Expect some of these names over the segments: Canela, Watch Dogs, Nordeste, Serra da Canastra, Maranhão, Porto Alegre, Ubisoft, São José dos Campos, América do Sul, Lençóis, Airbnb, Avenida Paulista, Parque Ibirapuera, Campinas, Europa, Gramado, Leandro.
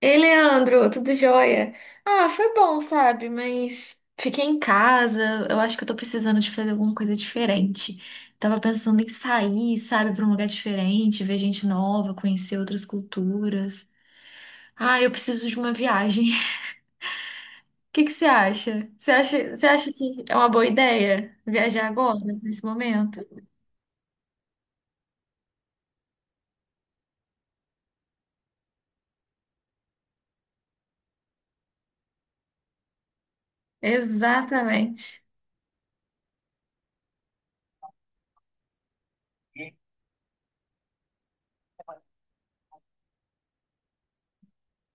Ei, Leandro, tudo jóia? Ah, foi bom, sabe? Mas fiquei em casa. Eu acho que eu tô precisando de fazer alguma coisa diferente. Tava pensando em sair, sabe, pra um lugar diferente, ver gente nova, conhecer outras culturas. Ah, eu preciso de uma viagem. O que que Você acha, você acha que é uma boa ideia viajar agora, nesse momento? Exatamente.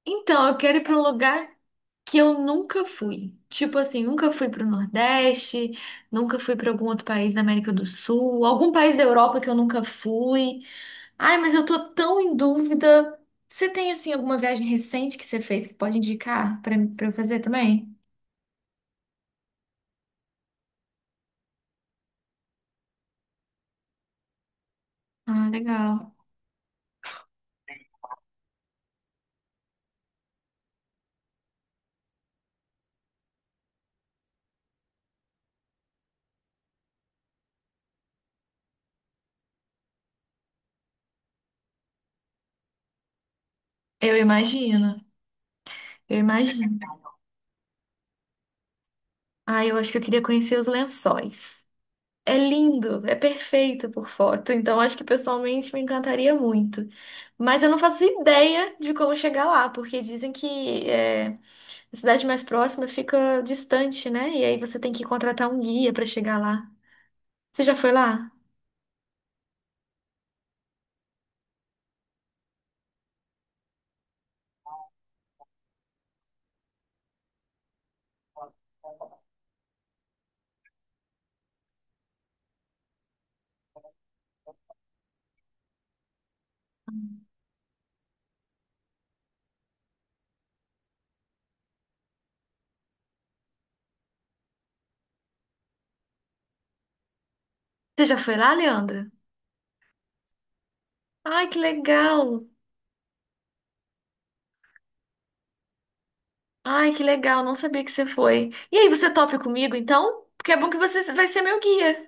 Então, eu quero ir para um lugar que eu nunca fui. Tipo assim, nunca fui para o Nordeste, nunca fui para algum outro país da América do Sul, algum país da Europa que eu nunca fui. Ai, mas eu tô tão em dúvida. Você tem assim alguma viagem recente que você fez que pode indicar para eu fazer também? Ah, legal. Eu imagino. Eu imagino. Ah, eu acho que eu queria conhecer os lençóis. É lindo, é perfeito por foto, então acho que pessoalmente me encantaria muito. Mas eu não faço ideia de como chegar lá, porque dizem que é, a cidade mais próxima fica distante, né? E aí você tem que contratar um guia para chegar lá. Você já foi lá? Você já foi lá, Leandra? Ai, que legal! Ai, que legal, não sabia que você foi. E aí, você topa comigo então? Porque é bom que você vai ser meu guia.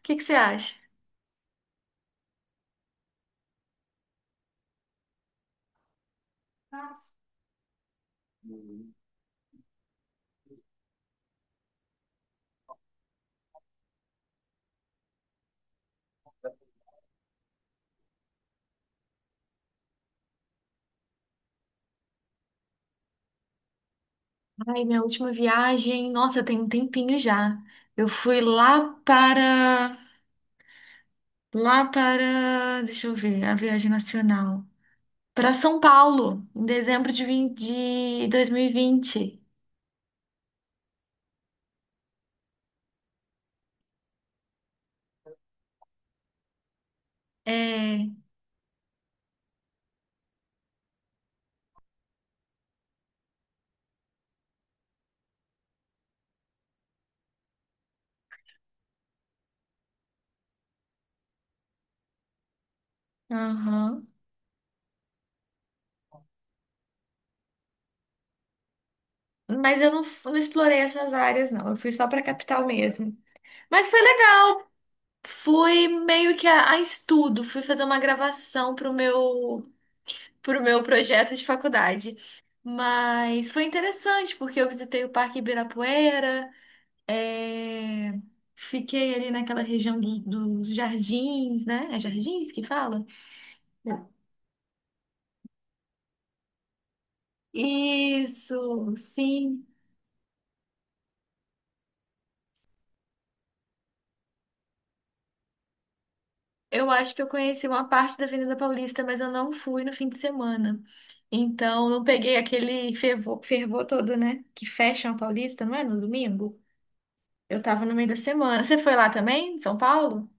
O que que você acha? Ai, minha última viagem, nossa, tem um tempinho já. Eu fui lá para, deixa eu ver, a viagem nacional. Para São Paulo, em dezembro de, de 2020. É, aham. Mas eu não, não explorei essas áreas, não. Eu fui só para a capital mesmo. Mas foi legal. Fui meio que a, estudo, fui fazer uma gravação para o meu pro meu projeto de faculdade. Mas foi interessante, porque eu visitei o Parque Ibirapuera, é, fiquei ali naquela região dos jardins, né? É jardins que fala? Isso, sim. Eu acho que eu conheci uma parte da Avenida Paulista, mas eu não fui no fim de semana. Então, não peguei aquele fervor, fervor todo, né? Que fecham a Paulista, não é? No domingo? Eu tava no meio da semana. Você foi lá também, em São Paulo?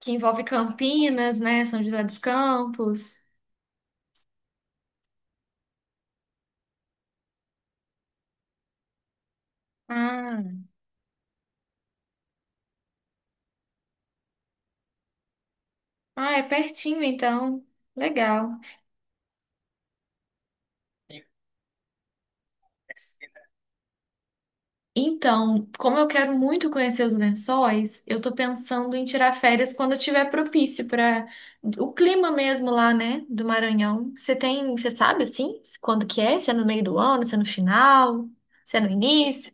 Que envolve Campinas, né? São José dos Campos. Ah, ah, é pertinho então. Legal. Então, como eu quero muito conhecer os Lençóis, eu tô pensando em tirar férias quando tiver propício para o clima mesmo lá, né, do Maranhão. Você tem, você sabe assim, quando que é? Se é no meio do ano, se é no final, se é no início?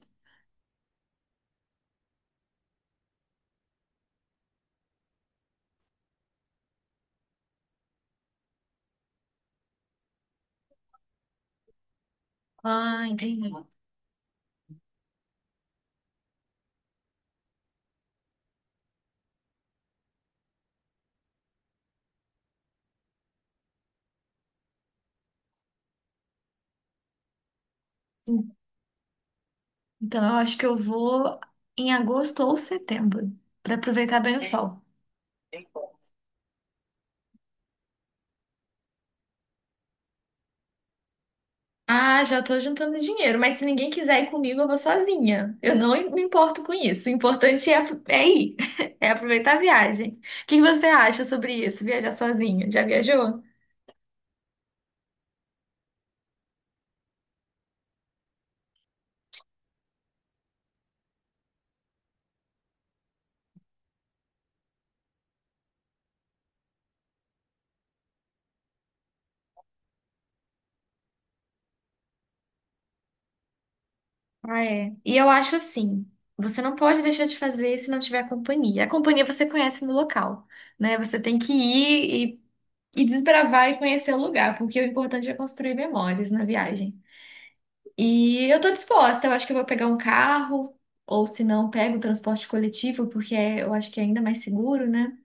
Ah, entendi. Então, eu acho que eu vou em agosto ou setembro, para aproveitar bem o sol. Ah, já tô juntando dinheiro, mas se ninguém quiser ir comigo, eu vou sozinha. Eu não me importo com isso. O importante é, é ir, é aproveitar a viagem. O que que você acha sobre isso? Viajar sozinho? Já viajou? Ah, é. E eu acho assim, você não pode deixar de fazer se não tiver companhia. A companhia você conhece no local, né? Você tem que ir e desbravar e conhecer o lugar, porque o importante é construir memórias na viagem. E eu tô disposta, eu acho que eu vou pegar um carro, ou se não, pego o transporte coletivo, porque eu acho que é ainda mais seguro, né?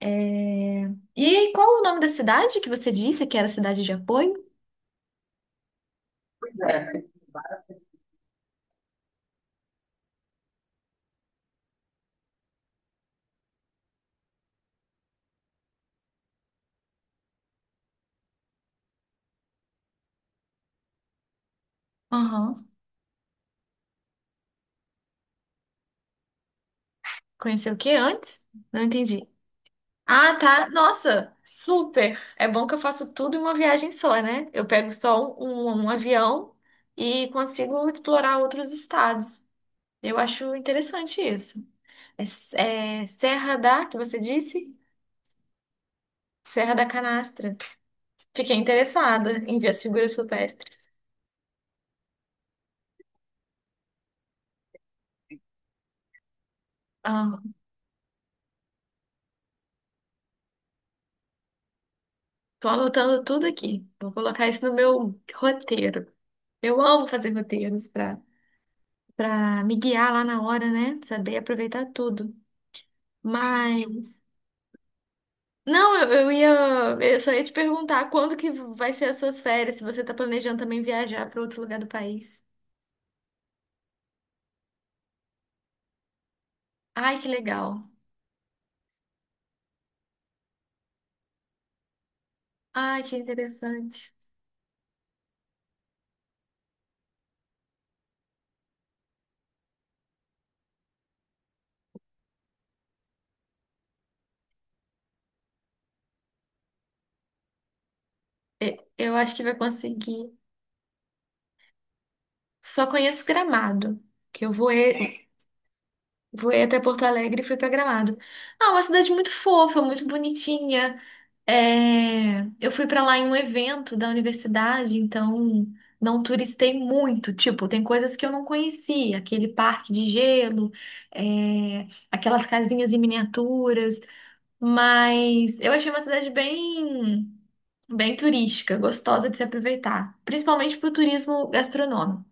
É, e qual o nome da cidade que você disse que era cidade de apoio? Aham. Conheceu o que antes? Não entendi. Ah, tá. Nossa, super. É bom que eu faço tudo em uma viagem só, né? Eu pego só um, um avião e consigo explorar outros estados. Eu acho interessante isso. É, é Serra da, que você disse? Serra da Canastra. Fiquei interessada em ver as figuras rupestres. Ah, tô anotando tudo aqui. Vou colocar isso no meu roteiro. Eu amo fazer roteiros para para me guiar lá na hora, né? Saber aproveitar tudo. Mas não, eu ia eu só ia te perguntar quando que vai ser as suas férias, se você tá planejando também viajar para outro lugar do país. Ai, que legal. Ai, que interessante. Eu acho que vai conseguir. Só conheço Gramado, que eu vou fui até Porto Alegre e fui pra Gramado. Ah, uma cidade muito fofa, muito bonitinha. É, eu fui pra lá em um evento da universidade, então não turistei muito. Tipo, tem coisas que eu não conhecia, aquele parque de gelo, é, aquelas casinhas em miniaturas. Mas eu achei uma cidade bem, bem turística, gostosa de se aproveitar, principalmente pro turismo gastronômico.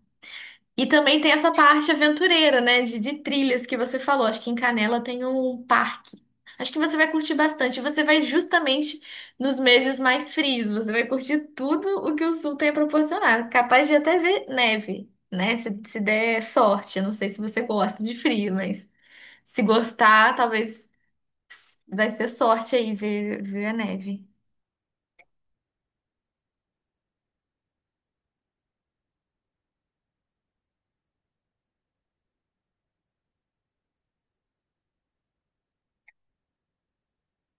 E também tem essa parte aventureira, né? De trilhas que você falou. Acho que em Canela tem um parque. Acho que você vai curtir bastante. Você vai justamente nos meses mais frios. Você vai curtir tudo o que o sul tem a proporcionar. Capaz de até ver neve, né? Se der sorte. Eu não sei se você gosta de frio, mas se gostar, talvez vai ser sorte aí ver a neve.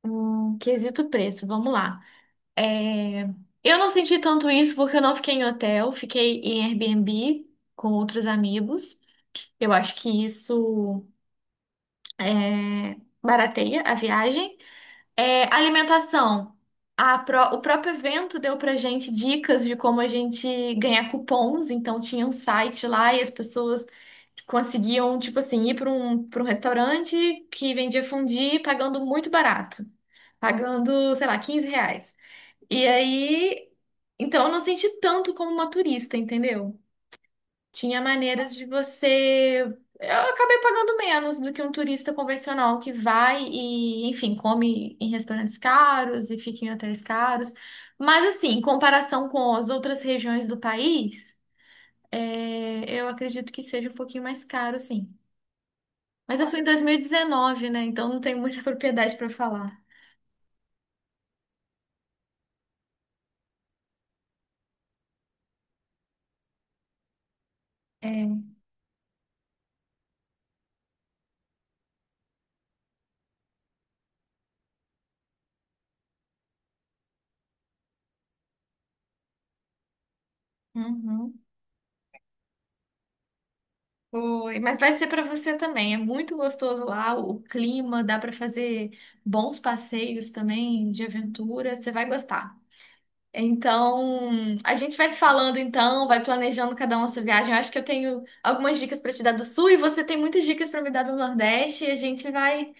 Quesito preço, vamos lá. É, eu não senti tanto isso porque eu não fiquei em hotel, fiquei em Airbnb com outros amigos. Eu acho que isso é, barateia a viagem. É, alimentação. O próprio evento deu pra gente dicas de como a gente ganhar cupons. Então tinha um site lá e as pessoas conseguiam, tipo assim, ir para um restaurante que vendia fondue pagando muito barato. Pagando, sei lá, 15 reais. E aí, então eu não senti tanto como uma turista, entendeu? Tinha maneiras de você. Eu acabei pagando menos do que um turista convencional que vai e, enfim, come em restaurantes caros e fica em hotéis caros. Mas, assim, em comparação com as outras regiões do país, eu acredito que seja um pouquinho mais caro, sim. Mas eu fui em 2019, né? Então não tenho muita propriedade para falar. É, uhum. Foi, mas vai ser para você também. É muito gostoso lá, o clima, dá para fazer bons passeios também de aventura, você vai gostar. Então, a gente vai se falando então, vai planejando cada uma a sua viagem. Eu acho que eu tenho algumas dicas para te dar do Sul e você tem muitas dicas para me dar do Nordeste e a gente vai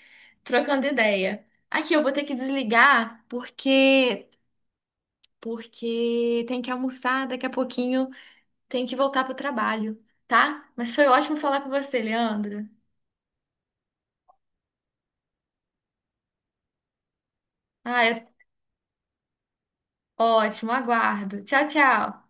trocando ideia. Aqui eu vou ter que desligar porque porque tem que almoçar, daqui a pouquinho tem que voltar pro trabalho, tá? Mas foi ótimo falar com você, Leandro. Ah, é ótimo, aguardo. Tchau, tchau.